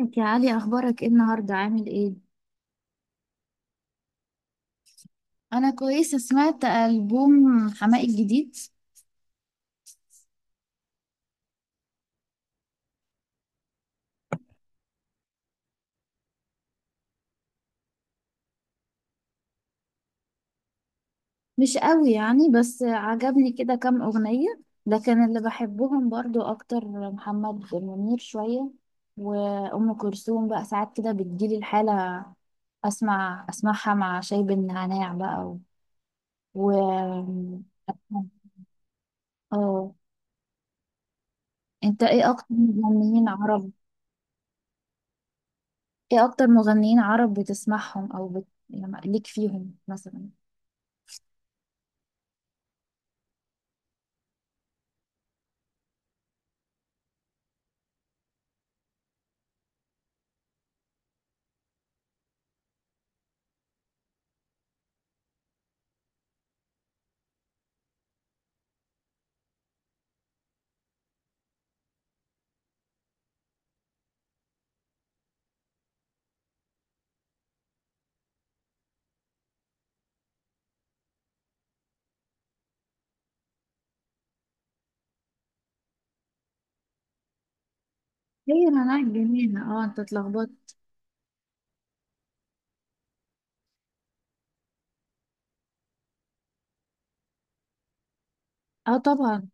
ازيك يا علي؟ اخبارك ايه النهارده؟ عامل ايه؟ انا كويسه. سمعت البوم حماقي الجديد. مش قوي يعني، بس عجبني كده كام اغنيه، لكن اللي بحبهم برضو اكتر محمد منير شويه، وام كلثوم بقى ساعات كده بتجيلي الحاله اسمعها مع شاي بالنعناع بقى و, و... اه انت ايه اكتر مغنيين عرب؟ ايه اكتر مغنيين عرب بتسمعهم او يعني ليك فيهم مثلا؟ هي مناعة جنين. اه انت اتلخبطت. اه طبعا.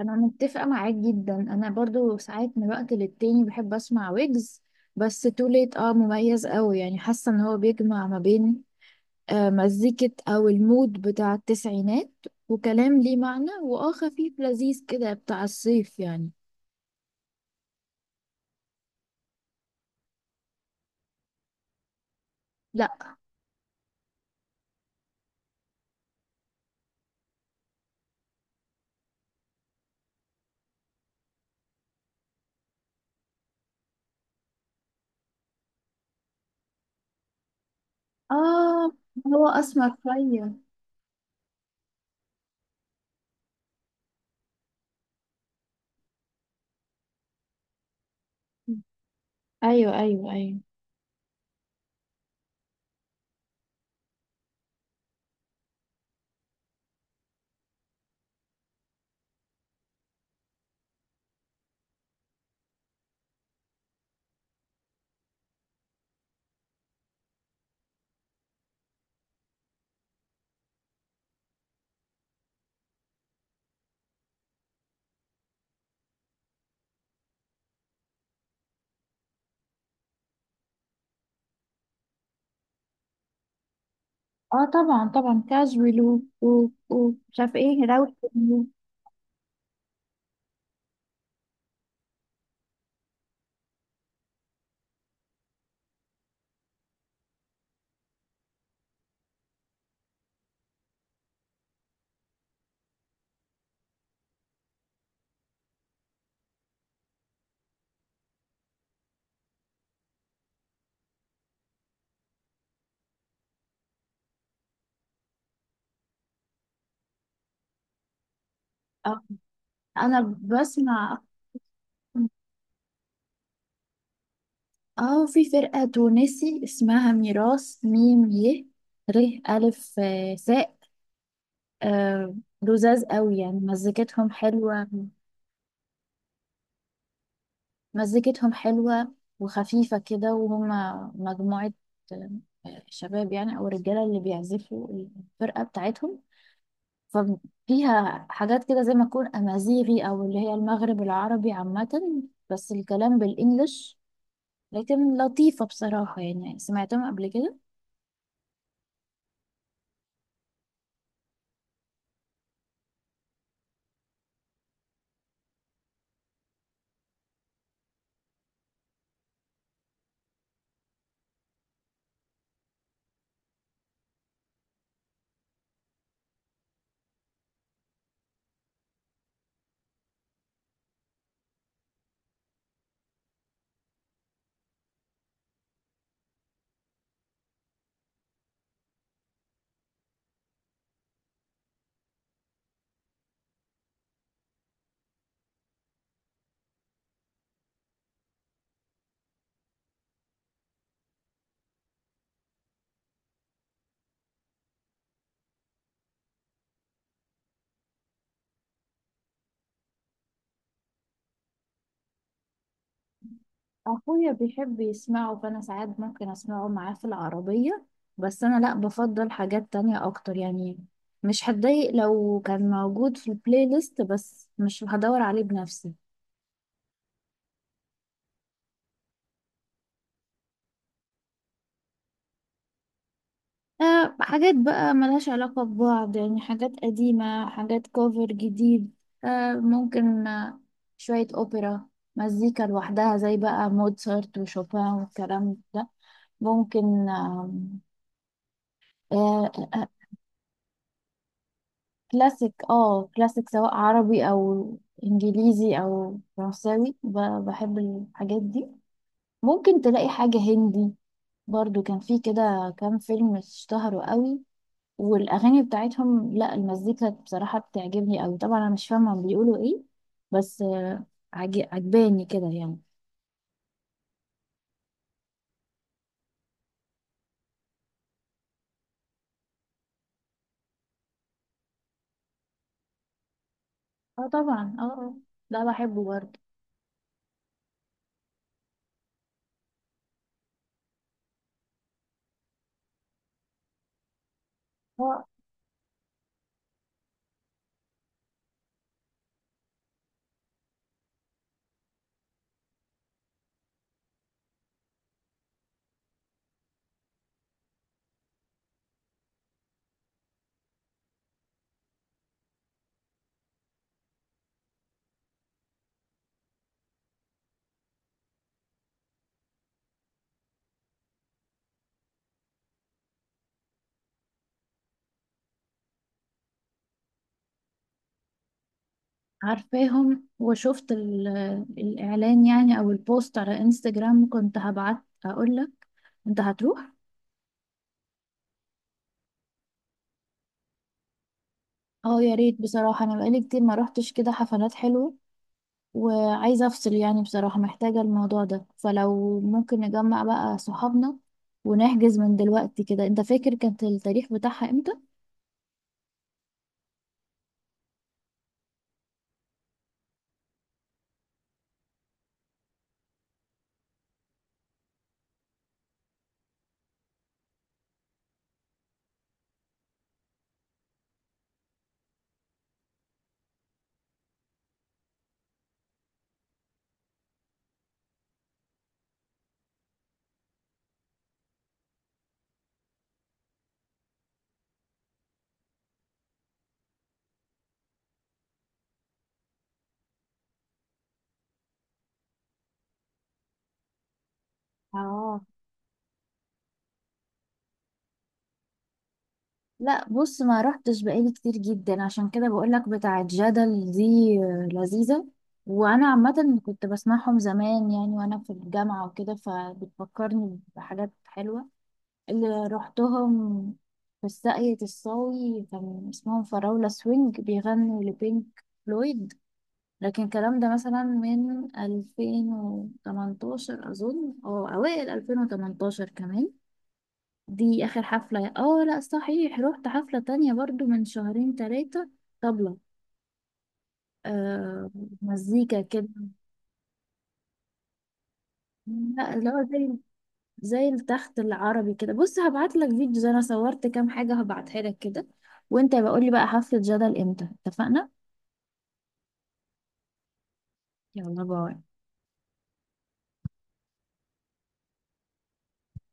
انا متفقة معاك جدا، انا برضو ساعات من وقت للتاني بحب اسمع ويجز، بس توليت اه مميز قوي يعني. حاسة ان هو بيجمع ما بين مزيكة او المود بتاع التسعينات، وكلام ليه معنى واه خفيف لذيذ كده بتاع الصيف يعني. لا. اه هو اسمر شوية. ايوه ايوه ايوه. اه طبعا طبعا، كاجوال و ومش عارفة ايه راوت. انا بسمع. أكتر- اه، في فرقة تونسي اسمها ميراث، ميم ي ر ألف ساء، آه، لذاذ قوي يعني، مزيكتهم حلوة. مزيكتهم حلوة وخفيفة كده، وهم مجموعة آه، شباب يعني أو رجالة اللي بيعزفوا الفرقة بتاعتهم. ففيها حاجات كده زي ما تكون أمازيغي أو اللي هي المغرب العربي عامة، بس الكلام بالإنجلش. لكن لطيفة بصراحة يعني، سمعتهم قبل كده. اخويا بيحب يسمعه فانا ساعات ممكن اسمعه معاه في العربية، بس انا لا، بفضل حاجات تانية اكتر يعني. مش هتضايق لو كان موجود في البلاي ليست، بس مش هدور عليه بنفسي. أه حاجات بقى ملهاش علاقة ببعض يعني، حاجات قديمة، حاجات كوفر جديد. أه، ممكن شوية أوبرا، مزيكا لوحدها زي بقى موتسارت وشوبان والكلام ده. ممكن آم، آه، كلاسيك. اه كلاسيك، سواء عربي او انجليزي او فرنساوي، بحب الحاجات دي. ممكن تلاقي حاجة هندي برضو، كان في كده كام فيلم اشتهروا قوي والاغاني بتاعتهم، لا المزيكا بصراحة بتعجبني قوي. طبعا انا مش فاهمة هم بيقولوا ايه، بس عجباني كده يعني. اه طبعا اه، ده بحبه برضو. اه عارفاهم، وشفت الإعلان يعني أو البوست على انستجرام، كنت هبعت أقولك. أنت هتروح؟ اه يا ريت بصراحة، أنا بقالي كتير ما روحتش كده حفلات حلوة، وعايزة أفصل يعني بصراحة، محتاجة الموضوع ده. فلو ممكن نجمع بقى صحابنا ونحجز من دلوقتي كده. أنت فاكر كانت التاريخ بتاعها إمتى؟ اه لا. بص، ما رحتش بقالي كتير جدا، عشان كده بقولك بتاعة جدل دي لذيذة، وانا عامة كنت بسمعهم زمان يعني وانا في الجامعة وكده، فبتفكرني بحاجات حلوة. اللي رحتهم في الساقية الصاوي كان اسمهم فراولة سوينج، بيغنوا لبينك فلويد، لكن الكلام ده مثلا من 2018 أظن، أو أوائل 2018 كمان. دي اخر حفلة. اه لا صحيح، رحت حفلة تانية برضو من شهرين تلاتة، طبلة آه مزيكا كده. لا، اللي هو زي زي التخت العربي كده. بص هبعت لك فيديو، زي انا صورت كام حاجة هبعتها لك كده. وانت بقول لي بقى حفلة جدل امتى اتفقنا. يلا باي.